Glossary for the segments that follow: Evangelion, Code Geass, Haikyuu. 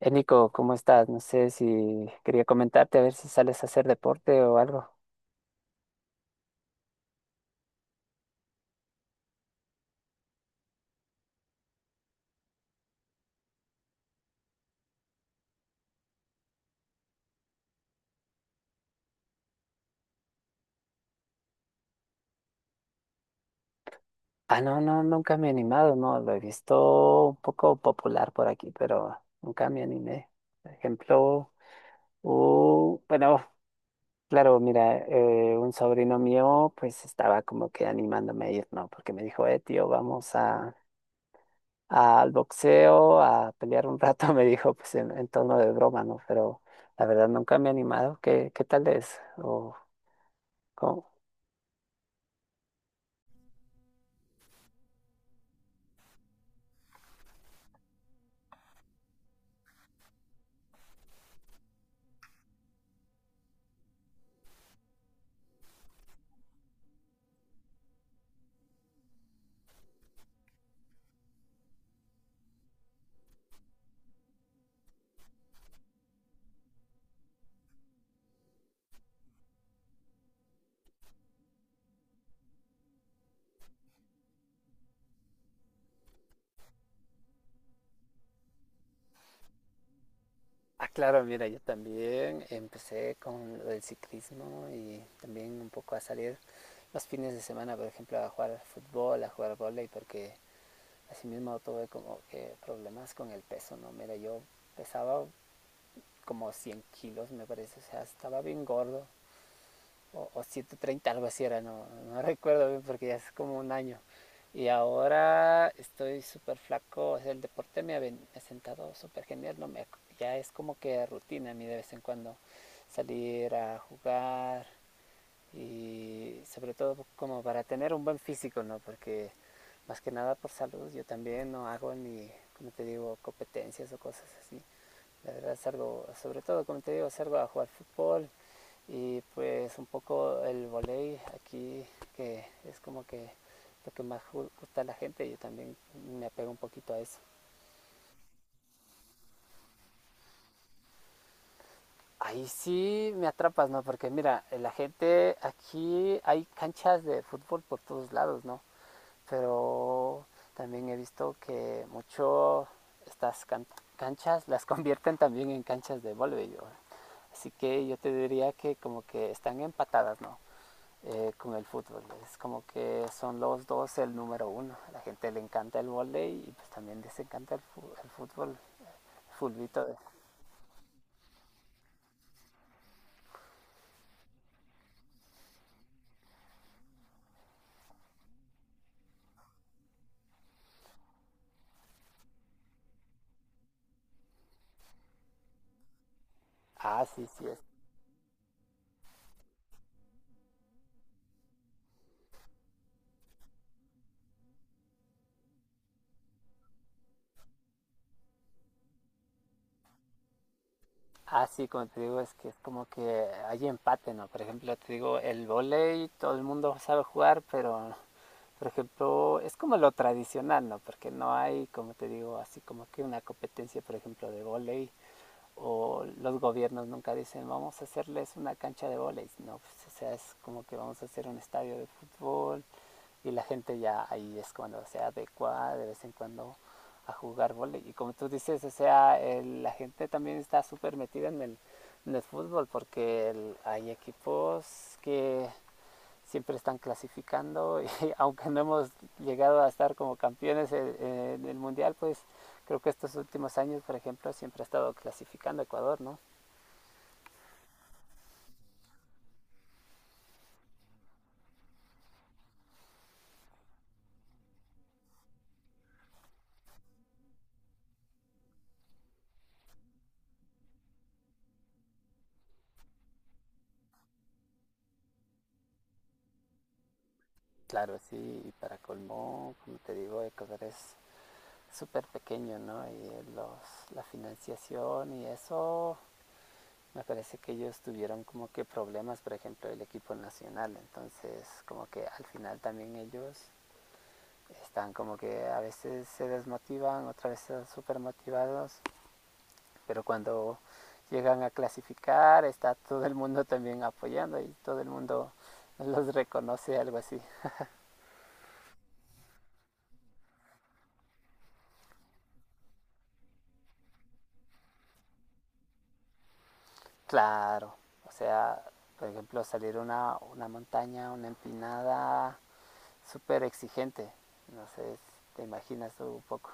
Nico, ¿cómo estás? No sé si quería comentarte a ver si sales a hacer deporte o algo. Ah, no, no, nunca me he animado, no, lo he visto un poco popular por aquí, pero nunca me animé. Por ejemplo, bueno, claro, mira, un sobrino mío pues estaba como que animándome a ir, ¿no? Porque me dijo, tío, vamos a, al boxeo, a pelear un rato, me dijo, pues en tono de broma, ¿no? Pero la verdad nunca me he animado. ¿ qué tal es? O, ¿cómo? Ah, claro, mira, yo también empecé con lo del ciclismo y también un poco a salir los fines de semana, por ejemplo, a jugar fútbol, a jugar vóley, porque así mismo tuve como que problemas con el peso, ¿no? Mira, yo pesaba como 100 kilos, me parece, o sea, estaba bien gordo o 130 algo así era, no, no recuerdo bien porque ya es como un año. Y ahora estoy súper flaco, o sea, el deporte me ha, me ha sentado súper genial, no me, ya es como que rutina a mí de vez en cuando salir a jugar, y sobre todo como para tener un buen físico, ¿no? Porque más que nada por salud, yo también no hago ni, como te digo, competencias o cosas así. La verdad salgo, sobre todo como te digo, salgo a jugar fútbol y pues un poco el volei aquí, que es como que lo que más gusta a la gente, yo también me apego un poquito a eso. Ahí sí me atrapas, ¿no? Porque mira, la gente aquí hay canchas de fútbol por todos lados, ¿no? Pero también he visto que mucho estas can canchas las convierten también en canchas de voleibol. Así que yo te diría que como que están empatadas, ¿no? Con el fútbol. Es como que son los dos el número uno. A la gente le encanta el volei y pues también les encanta el fútbol, el fulbito. De... Ah, sí, sí, es. Ah, sí, como te digo, es que es como que hay empate, ¿no? Por ejemplo, te digo, el volei todo el mundo sabe jugar, pero por ejemplo, es como lo tradicional, ¿no? Porque no hay, como te digo, así como que una competencia, por ejemplo, de volei o los gobiernos nunca dicen vamos a hacerles una cancha de volei, no, pues, o sea, es como que vamos a hacer un estadio de fútbol y la gente ya ahí es cuando se adecua de vez en cuando a jugar volei y como tú dices, o sea, la gente también está súper metida en en el fútbol porque hay equipos que siempre están clasificando y aunque no hemos llegado a estar como campeones en, el mundial, pues creo que estos últimos años, por ejemplo, siempre ha estado clasificando Ecuador, ¿no? Claro, sí, y para colmo, como te digo, Ecuador es súper pequeño, ¿no? Y los, la financiación y eso, me parece que ellos tuvieron como que problemas, por ejemplo, el equipo nacional, entonces como que al final también ellos están como que a veces se desmotivan, otras veces súper motivados. Pero cuando llegan a clasificar, está todo el mundo también apoyando y todo el mundo los reconoce, algo así. Claro, o sea, por ejemplo, salir una montaña, una empinada, súper exigente. No sé, te imaginas tú un poco.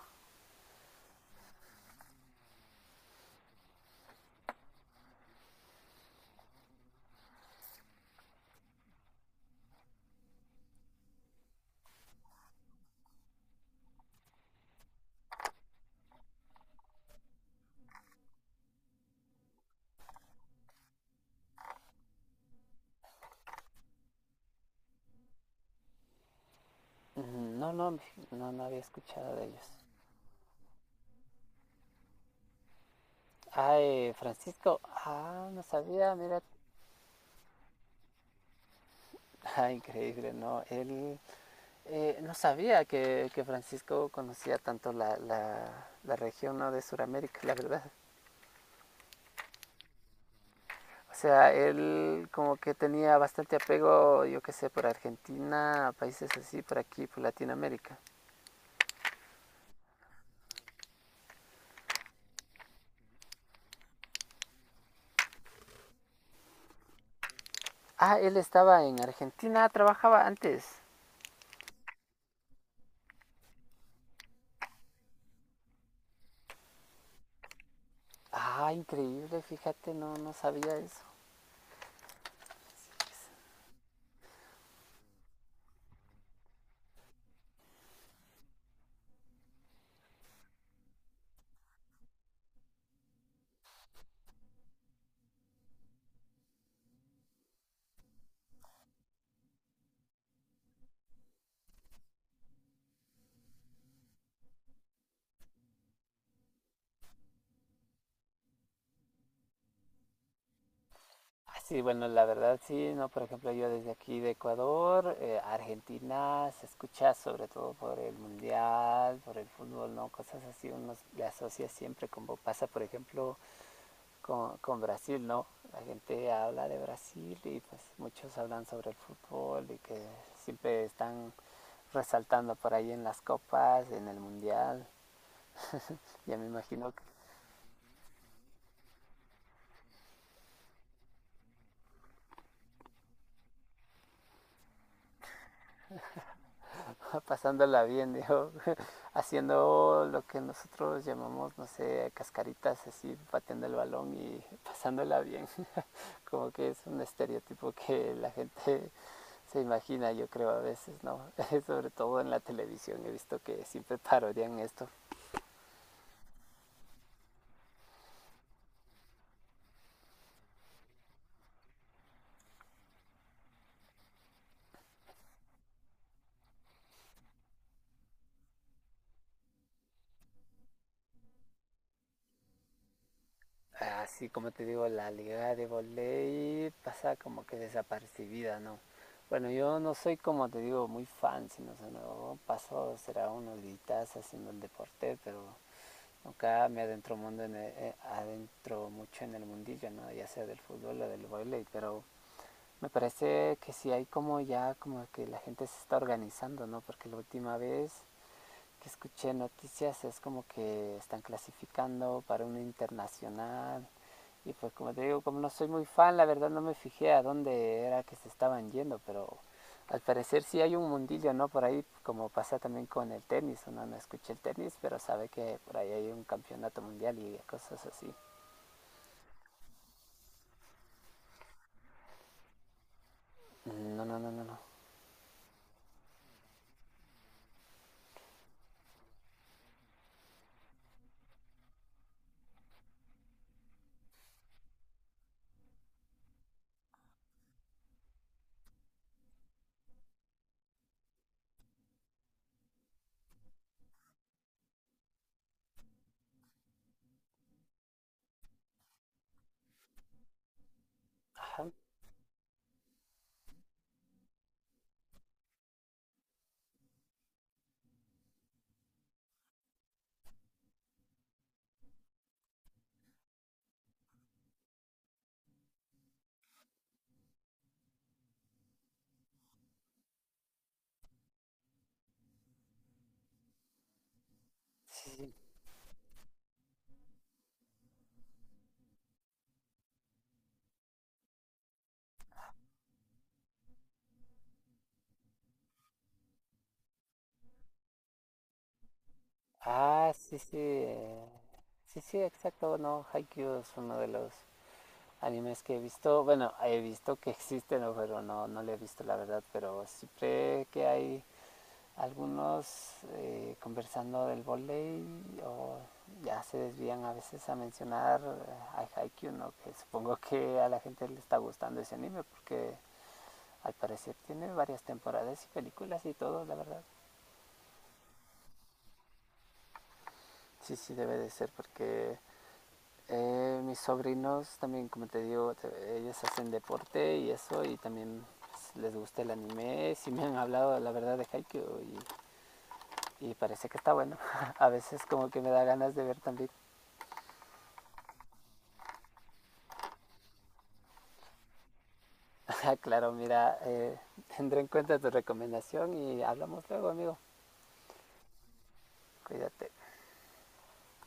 No, no, no, no había escuchado de ellos. Ay, Francisco, ah, no sabía, mira. Ah, increíble, ¿no? Él no sabía que, Francisco conocía tanto la, la, la región ¿no? de Sudamérica, la verdad. O sea, él como que tenía bastante apego, yo qué sé, por Argentina, países así, por aquí, por Latinoamérica. Ah, él estaba en Argentina, trabajaba antes. Ah, increíble, fíjate, no, no sabía eso. Ah, sí, bueno, la verdad sí, ¿no? Por ejemplo, yo desde aquí de Ecuador, Argentina, se escucha sobre todo por el mundial, por el fútbol, ¿no? Cosas así, uno le asocia siempre, como pasa, por ejemplo, con Brasil, ¿no? La gente habla de Brasil y pues muchos hablan sobre el fútbol y que siempre están resaltando por ahí en las copas, en el mundial. Ya me imagino pasándola bien, digo, haciendo lo que nosotros llamamos, no sé, cascaritas, así, pateando el balón y pasándola bien. Como que es un estereotipo que la gente se imagina, yo creo, a veces, ¿no? Sobre todo en la televisión he visto que siempre parodian esto. Así como te digo, la liga de volei pasa como que desapercibida, ¿no? Bueno, yo no soy como te digo muy fan, sino o sea, no, paso será unos días haciendo el deporte, pero acá me adentro mundo en adentro mucho en el mundillo no ya sea del fútbol o del baile pero me parece que sí hay como ya como que la gente se está organizando no porque la última vez que escuché noticias es como que están clasificando para una internacional. Y pues como te digo, como no soy muy fan, la verdad no me fijé a dónde era que se estaban yendo, pero al parecer sí hay un mundillo, ¿no? Por ahí, como pasa también con el tenis, uno no escucha el tenis, pero sabe que por ahí hay un campeonato mundial y cosas así. No, no, no, no, no. Ajá, sí, sí. Ah, sí, sí. Sí, sí, exacto, no, Haikyuu es uno de los animes que he visto, bueno, he visto que existen, ¿no? Pero no, no lo he visto la verdad, pero siempre que hay algunos conversando del volei o ya se desvían a veces a mencionar a Haikyuu, ¿no? Que supongo que a la gente le está gustando ese anime porque al parecer tiene varias temporadas y películas y todo, la verdad. Sí, sí debe de ser porque mis sobrinos también, como te digo, ellos hacen deporte y eso, y también pues, les gusta el anime. Sí me han hablado, la verdad, de Haikyuu y parece que está bueno. A veces como que me da ganas de ver también. Claro, mira, tendré en cuenta tu recomendación y hablamos luego, amigo. Cuídate.